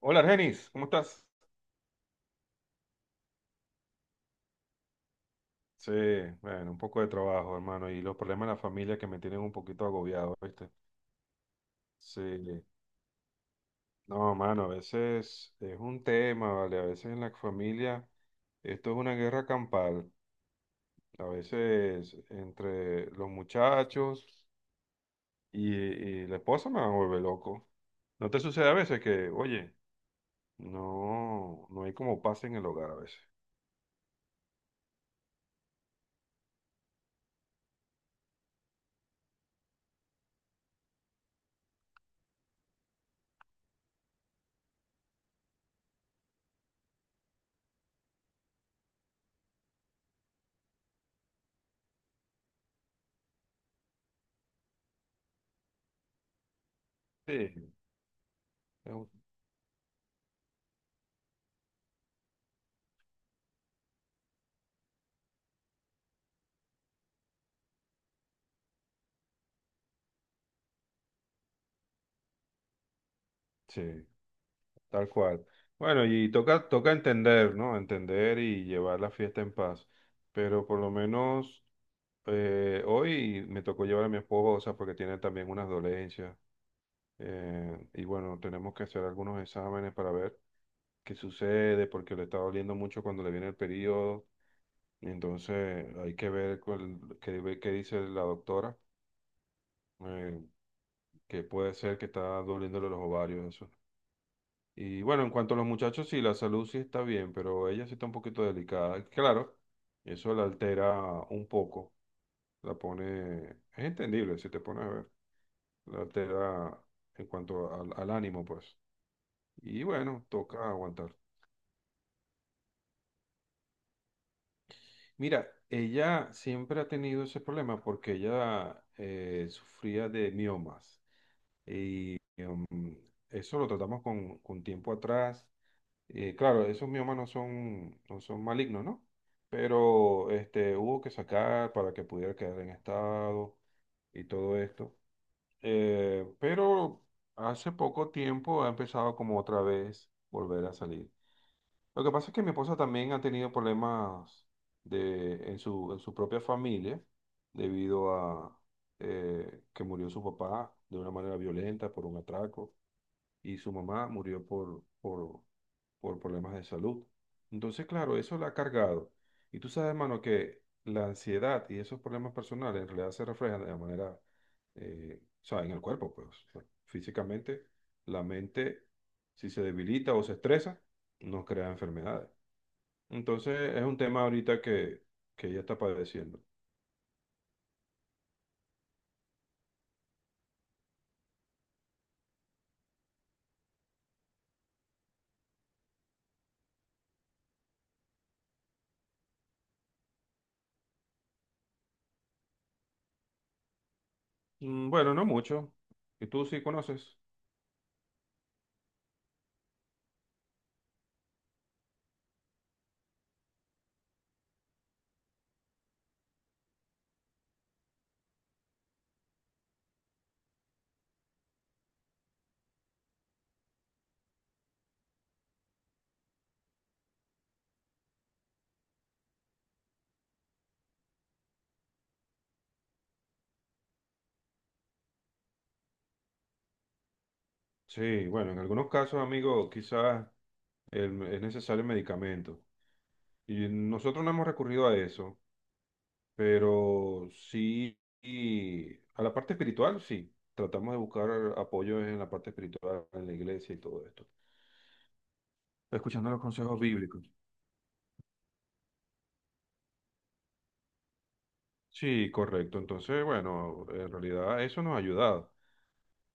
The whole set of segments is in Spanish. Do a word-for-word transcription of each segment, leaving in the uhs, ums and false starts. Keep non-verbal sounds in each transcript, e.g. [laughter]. Hola, Argenis, ¿cómo estás? Sí, bueno, un poco de trabajo, hermano, y los problemas de la familia que me tienen un poquito agobiado, ¿viste? Sí, no, mano, a veces es un tema, ¿vale? A veces en la familia esto es una guerra campal, a veces entre los muchachos y, y la esposa me va a volver loco. ¿No te sucede a veces que, oye, no, no hay como paz en el hogar a veces? Sí. Es un- Sí. Tal cual. Bueno, y toca, toca entender, ¿no? Entender y llevar la fiesta en paz. Pero por lo menos eh, hoy me tocó llevar a mi esposa porque tiene también unas dolencias. eh, y bueno, tenemos que hacer algunos exámenes para ver qué sucede porque le está doliendo mucho cuando le viene el periodo. Y entonces hay que ver cuál- qué, qué dice la doctora, eh, que puede ser que está doliéndole los ovarios, eso. Y bueno, en cuanto a los muchachos, sí, la salud sí está bien, pero ella sí está un poquito delicada. Claro, eso la altera un poco, la pone, es entendible si te pones a ver, la altera en cuanto al, al ánimo, pues. Y bueno, toca aguantar. Mira, ella siempre ha tenido ese problema porque ella eh, sufría de miomas. Mm, eso lo tratamos con, con tiempo atrás. Eh, claro, esos miomas no son, no son malignos, ¿no? Pero este, hubo que sacar para que pudiera quedar en estado y todo esto. Eh, pero hace poco tiempo ha empezado como otra vez volver a salir. Lo que pasa es que mi esposa también ha tenido problemas de, en su, en su propia familia debido a eh, que murió su papá de una manera violenta por un atraco y su mamá murió por, por, por problemas de salud. Entonces, claro, eso la ha cargado. Y tú sabes, hermano, que la ansiedad y esos problemas personales en realidad se reflejan de la manera, eh, o sea, en el cuerpo, pues, o sea, físicamente, la mente, si se debilita o se estresa, nos crea enfermedades. Entonces, es un tema ahorita que, que ella está padeciendo. Mm, bueno, no mucho. ¿Y tú sí conoces? Sí, bueno, en algunos casos, amigo, quizás el- es necesario el medicamento. Y nosotros no hemos recurrido a eso, pero sí, y a la parte espiritual, sí. Tratamos de buscar apoyo en la parte espiritual, en la iglesia y todo esto. Escuchando los consejos bíblicos. Sí, correcto. Entonces, bueno, en realidad eso nos ha ayudado.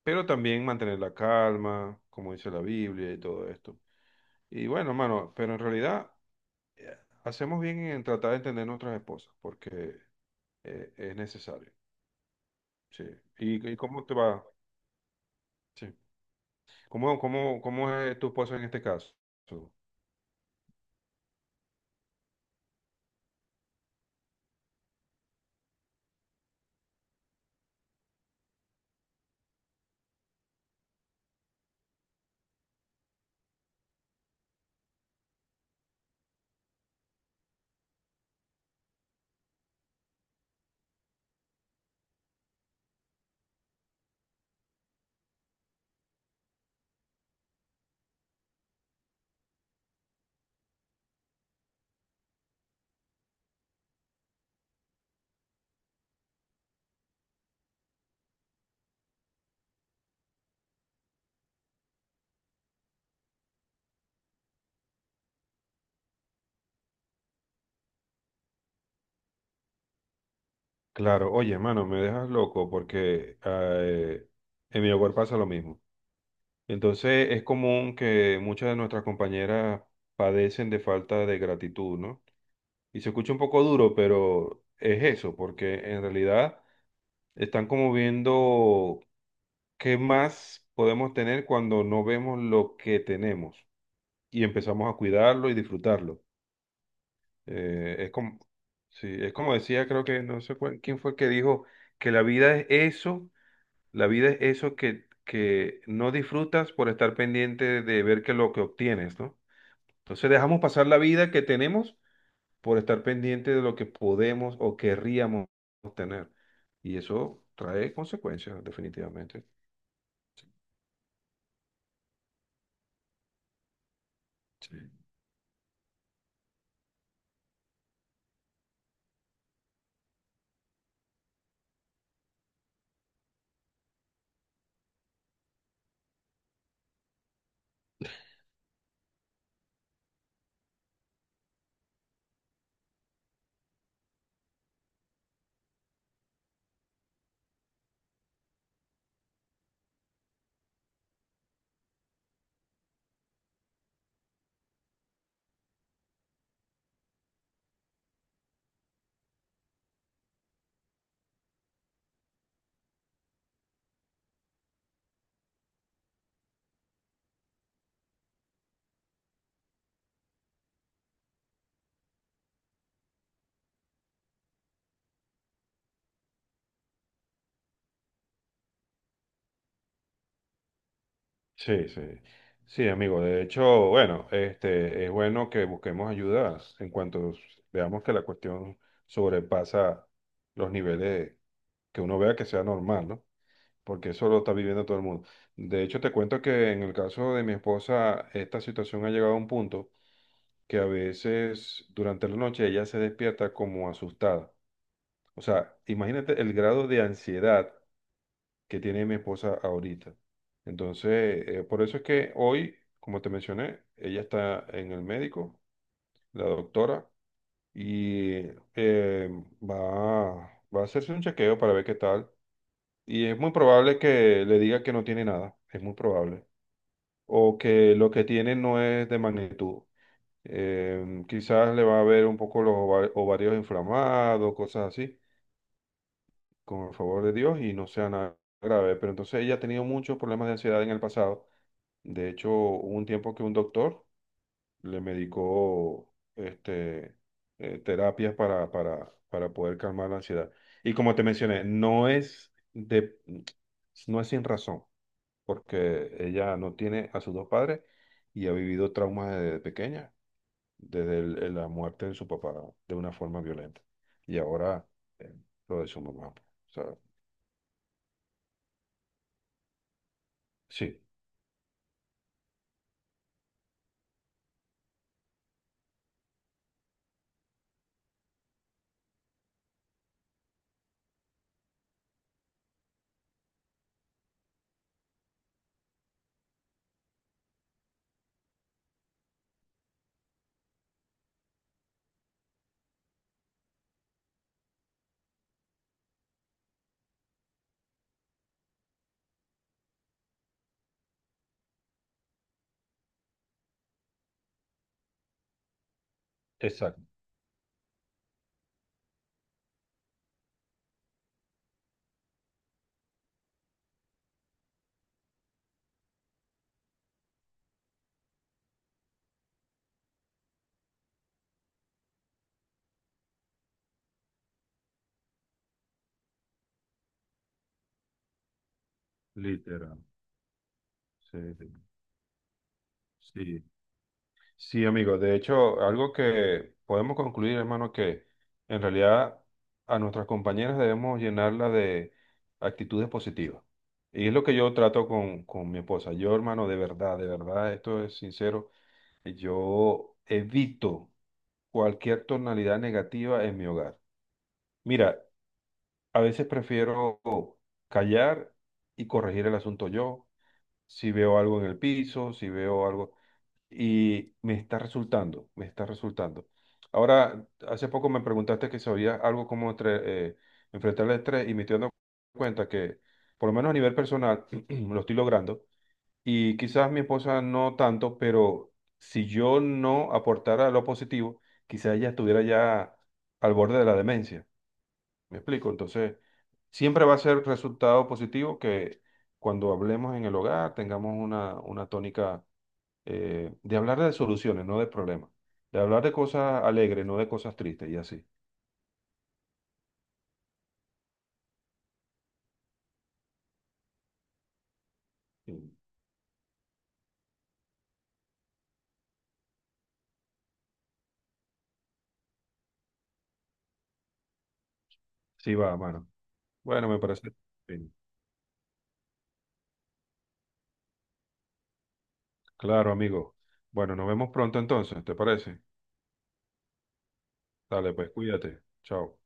Pero también mantener la calma, como dice la Biblia y todo esto. Y bueno, mano, pero en realidad hacemos bien en tratar de entender nuestras esposas, porque eh, es necesario. Sí. ¿Y, y cómo te va? Sí. ¿Cómo, cómo, cómo es tu esposa en este caso? Claro, oye, hermano, me dejas loco porque ah, eh, en mi hogar pasa lo mismo. Entonces es común que muchas de nuestras compañeras padecen de falta de gratitud, ¿no? Y se escucha un poco duro, pero es eso, porque en realidad están como viendo. ¿Qué más podemos tener cuando no vemos lo que tenemos y empezamos a cuidarlo y disfrutarlo? Eh, es como, sí, es como decía, creo que no sé cuál- quién fue que dijo que la vida es eso, la vida es eso que, que no disfrutas por estar pendiente de ver que lo que obtienes, ¿no? Entonces dejamos pasar la vida que tenemos por estar pendiente de lo que podemos o querríamos obtener. Y eso trae consecuencias, definitivamente. Sí. Sí, sí. Sí, amigo. De hecho, bueno, este, es bueno que busquemos ayudas en cuanto veamos que la cuestión sobrepasa los niveles que uno vea que sea normal, ¿no? Porque eso lo está viviendo todo el mundo. De hecho, te cuento que en el caso de mi esposa, esta situación ha llegado a un punto que a veces durante la noche ella se despierta como asustada. O sea, imagínate el grado de ansiedad que tiene mi esposa ahorita. Entonces, eh, por eso es que hoy, como te mencioné, ella está en el médico, la doctora, y eh, va, va a hacerse un chequeo para ver qué tal. Y es muy probable que le diga que no tiene nada, es muy probable. O que lo que tiene no es de magnitud. Eh, quizás le va a ver un poco los ova- ovarios inflamados, cosas así, con el favor de Dios, y no sea nada grave. Pero entonces ella ha tenido muchos problemas de ansiedad en el pasado. De hecho, hubo un tiempo que un doctor le medicó este, eh, terapias para, para, para poder calmar la ansiedad. Y como te mencioné, no es de, no es sin razón, porque ella no tiene a sus dos padres y ha vivido traumas desde pequeña, desde el- el- la muerte de su papá de una forma violenta. Y ahora eh, lo de su mamá. O sea, sí, exacto. Literal. Sí, sí. Sí. Sí, amigo. De hecho, algo que podemos concluir, hermano, que en realidad a nuestras compañeras debemos llenarla de actitudes positivas. Y es lo que yo trato con, con mi esposa. Yo, hermano, de verdad, de verdad, esto es sincero, yo evito cualquier tonalidad negativa en mi hogar. Mira, a veces prefiero callar y corregir el asunto yo. Si veo algo en el piso, si veo algo y me está resultando, me está resultando. Ahora, hace poco me preguntaste que sabía algo como entre, eh, enfrentar el estrés y me estoy dando cuenta que, por lo menos a nivel personal, [clears throat] lo estoy logrando y quizás mi esposa no tanto, pero si yo no aportara lo positivo, quizás ella estuviera ya al borde de la demencia. ¿Me explico? Entonces, siempre va a ser resultado positivo que cuando hablemos en el hogar tengamos una, una tónica eh, de hablar de soluciones, no de problemas, de hablar de cosas alegres, no de cosas tristes y así. Sí, sí va, mano. Bueno, me parece. Bien. Claro, amigo. Bueno, nos vemos pronto entonces, ¿te parece? Dale, pues cuídate. Chao.